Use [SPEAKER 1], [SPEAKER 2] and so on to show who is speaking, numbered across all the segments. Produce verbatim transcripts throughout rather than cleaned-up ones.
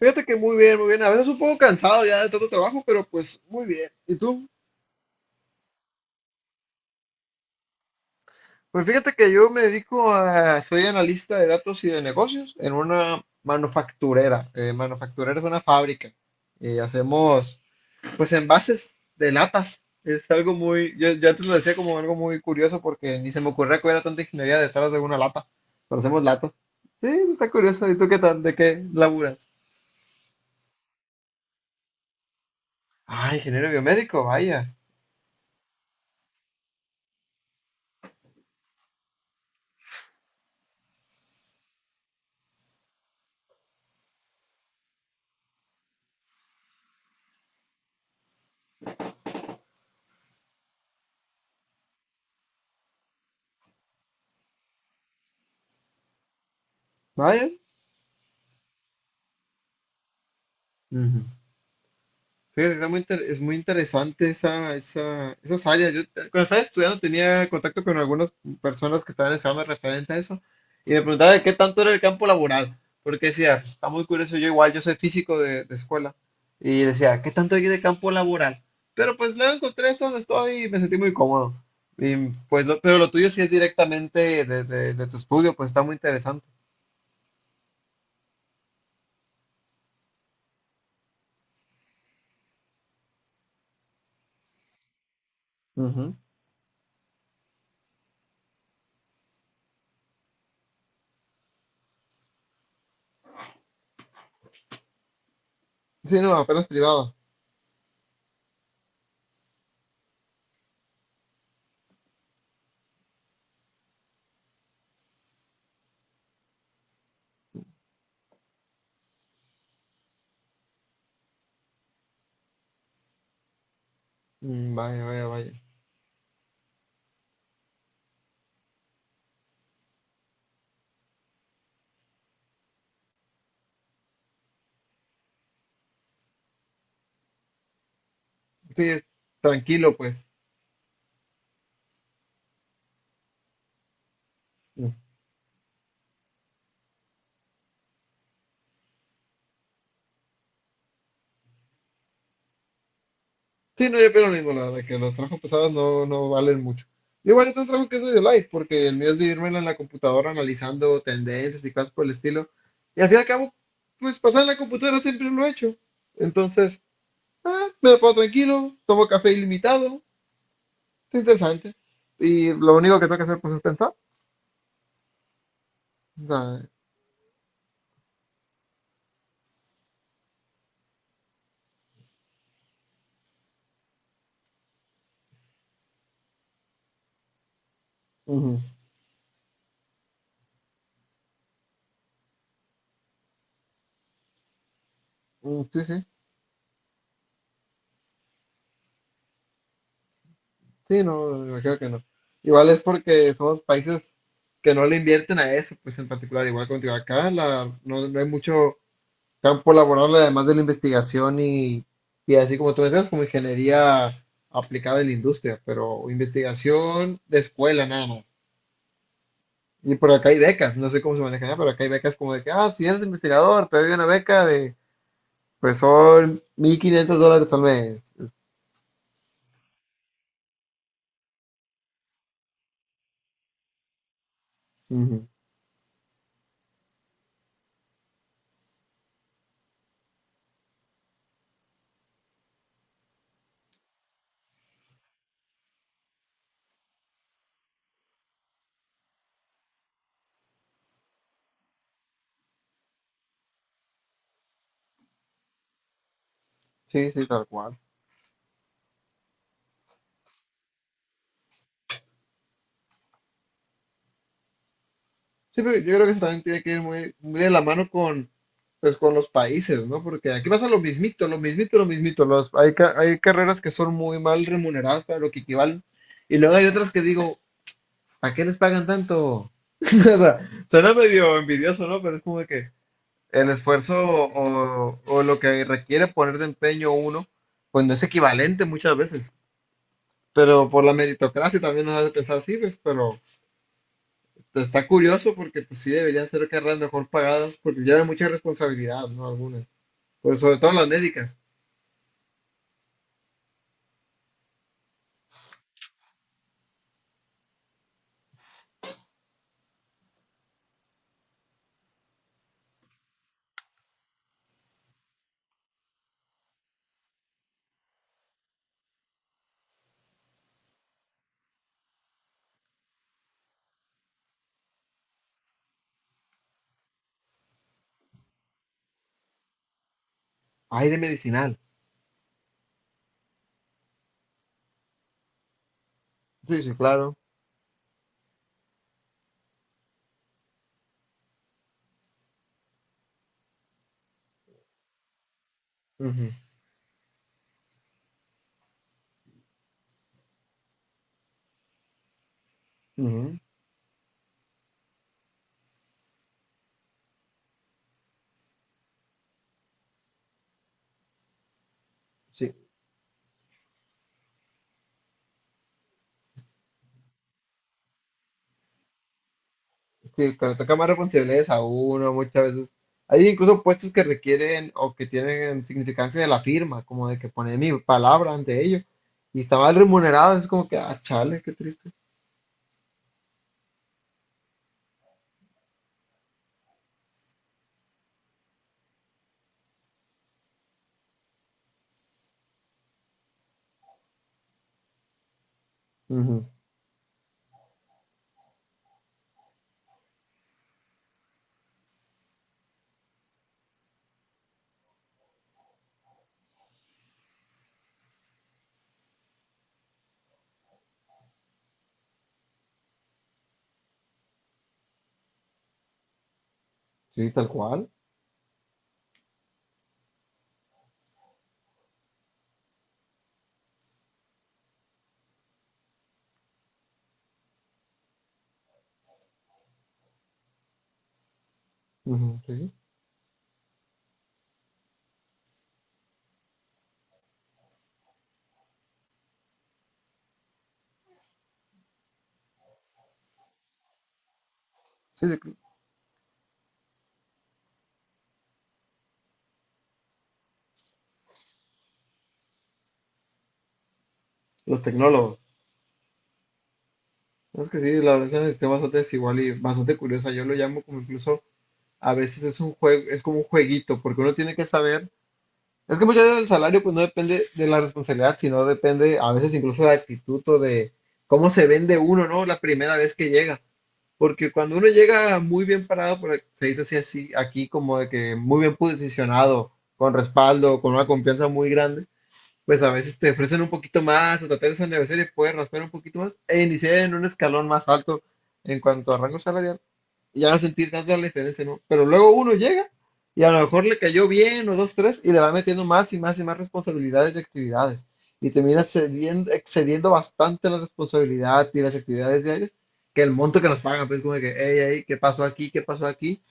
[SPEAKER 1] Fíjate que muy bien, muy bien. A veces un poco cansado ya de tanto trabajo, pero pues muy bien. ¿Y tú? Pues fíjate que yo me dedico a, soy analista de datos y de negocios en una manufacturera. Eh, manufacturera es una fábrica y hacemos pues envases de latas. Es algo muy, yo, yo antes lo decía como algo muy curioso porque ni se me ocurría que hubiera tanta ingeniería detrás de una lata, pero hacemos latas. Sí, está curioso. ¿Y tú qué tal? ¿De qué laburas? Ah, ingeniero biomédico, vaya, vaya. Ujú. Fíjate, está muy inter- es muy interesante esa, esa, esas áreas. Yo te- cuando estaba estudiando tenía contacto con algunas personas que estaban estudiando referente a eso y me preguntaba de qué tanto era el campo laboral, porque decía, "Pues, está muy curioso, yo igual, yo soy físico de, de, escuela y decía, ¿qué tanto hay de campo laboral? Pero pues luego encontré esto donde estoy y me sentí muy cómodo. Y, pues, lo- pero lo tuyo sí es directamente de, de- de tu estudio, pues está muy interesante. Ujú. Sí, no, apenas privado. Mm, vaya, vaya, vaya. Sí, tranquilo, pues. Sí, no, yo pienso lo mismo, la verdad, que los trabajos pesados no, no valen mucho. Igual yo tengo un trabajo que es medio light, porque el mío es vivirme en la computadora analizando tendencias y cosas por el estilo. Y al fin y al cabo, pues pasar en la computadora siempre lo he hecho. Entonces, ah, me lo puedo tranquilo, tomo café ilimitado, es interesante. Y lo único que tengo que hacer pues es pensar. O sea, ujú, mm, sí, sí, sí, no, me creo que no. Igual es porque somos países que no le invierten a eso, pues en particular, igual contigo acá, la, no, no hay mucho campo laboral, además de la investigación y, y así como tú decías, como ingeniería aplicada en la industria, pero investigación de escuela nada más. Y por acá hay becas, no sé cómo se manejan, allá, pero acá hay becas como de que, ah, si eres investigador, te doy una beca de, pues son mil quinientos dólares al mes. Ujú. Sí, sí, tal cual. Sí, pero yo creo que eso también tiene que ir muy, muy de la mano con, pues, con los países, ¿no? Porque aquí pasa lo mismito, lo mismito, lo mismito. Los, hay, ca- hay carreras que son muy mal remuneradas para lo que equivalen. Y luego hay otras que digo, ¿a qué les pagan tanto? O sea, suena medio envidioso, ¿no? Pero es como que el esfuerzo o, o lo que requiere poner de empeño uno, pues no es equivalente muchas veces. Pero por la meritocracia también nos hace pensar así, pues, pero está curioso porque pues sí deberían ser carreras mejor pagadas porque llevan mucha responsabilidad, ¿no? Algunas. Pero sobre todo las médicas. Hay de medicinal. Sí, sí, claro. Ujú, ujú. Sí, sí, cuando toca más responsabilidades a uno muchas veces. Hay incluso puestos que requieren o que tienen significancia de la firma, como de que poner mi palabra ante ellos. Y está mal remunerado, es como que, ah, chale, qué triste. Ujú, sí, tal cual. Ujú, sí. Sí, sí, cl- Los tecnólogos. No, es que sí, la verdad es una historia bastante desigual y bastante curiosa. Yo lo llamo como incluso a veces es un juego, es como un jueguito, porque uno tiene que saber. Es que muchas veces el salario pues no depende de la responsabilidad, sino depende a veces incluso de la actitud o de cómo se vende uno, ¿no? La primera vez que llega. Porque cuando uno llega muy bien parado, por ac- se dice así, así aquí como de que muy bien posicionado, con respaldo, con una confianza muy grande, pues a veces te ofrecen un poquito más o tratar de negociar y puedes raspar un poquito más e iniciar en un escalón más alto en cuanto a rango salarial y ya no sentir tanto la diferencia, ¿no? Pero luego uno llega y a lo mejor le cayó bien o dos, tres y le va metiendo más y más y más responsabilidades y actividades y termina cediendo- excediendo bastante la responsabilidad y las actividades diarias que el monto que nos pagan, pues como de que, hey, hey, ¿qué pasó aquí? ¿Qué pasó aquí?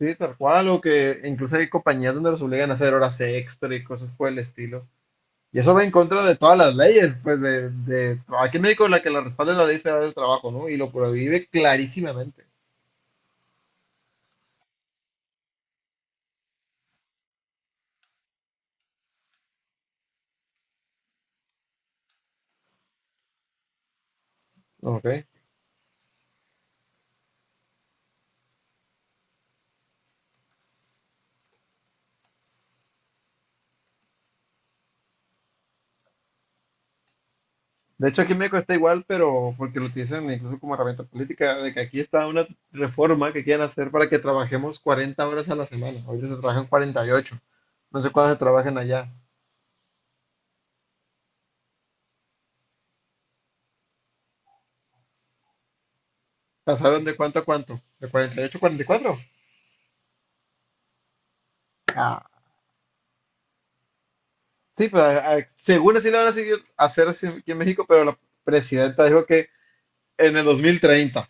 [SPEAKER 1] Sí, tal cual, o que incluso hay compañías donde los obligan a hacer horas extra y cosas por el estilo. Y eso va en contra de todas las leyes, pues de, de aquí en México la que la respalda es la ley federal del trabajo, ¿no? Y lo prohíbe clarísimamente. Ok. De hecho, aquí en México está igual, pero porque lo utilizan incluso como herramienta política, de que aquí está una reforma que quieren hacer para que trabajemos cuarenta horas a la semana. Ahorita se trabajan cuarenta y ocho. No sé cuántas se trabajan allá. ¿Pasaron de cuánto a cuánto? ¿De cuarenta y ocho a cuarenta y cuatro? Ah, sí, pues a- a- según así lo van a seguir hacer así aquí en México, pero la presidenta dijo que en el dos mil treinta.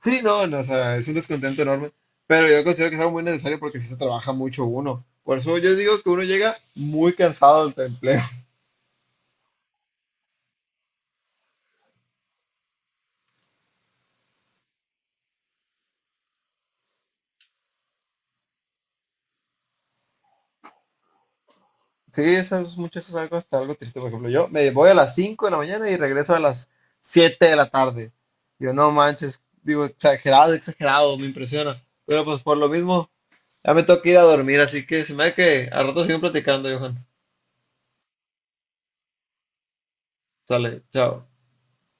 [SPEAKER 1] Sí, no, no, o sea, es un descontento enorme, pero yo considero que es algo muy necesario porque sí se trabaja mucho uno. Por eso yo digo que uno llega muy cansado del empleo. Sí, eso es mucho, eso es algo, hasta algo triste. Por ejemplo, yo me voy a las cinco de la mañana y regreso a las siete de la tarde. Yo no manches, digo, exagerado, exagerado, me impresiona. Pero pues por lo mismo, ya me toca ir a dormir, así que se me da que al rato siguen platicando, Johan. Sale, chao.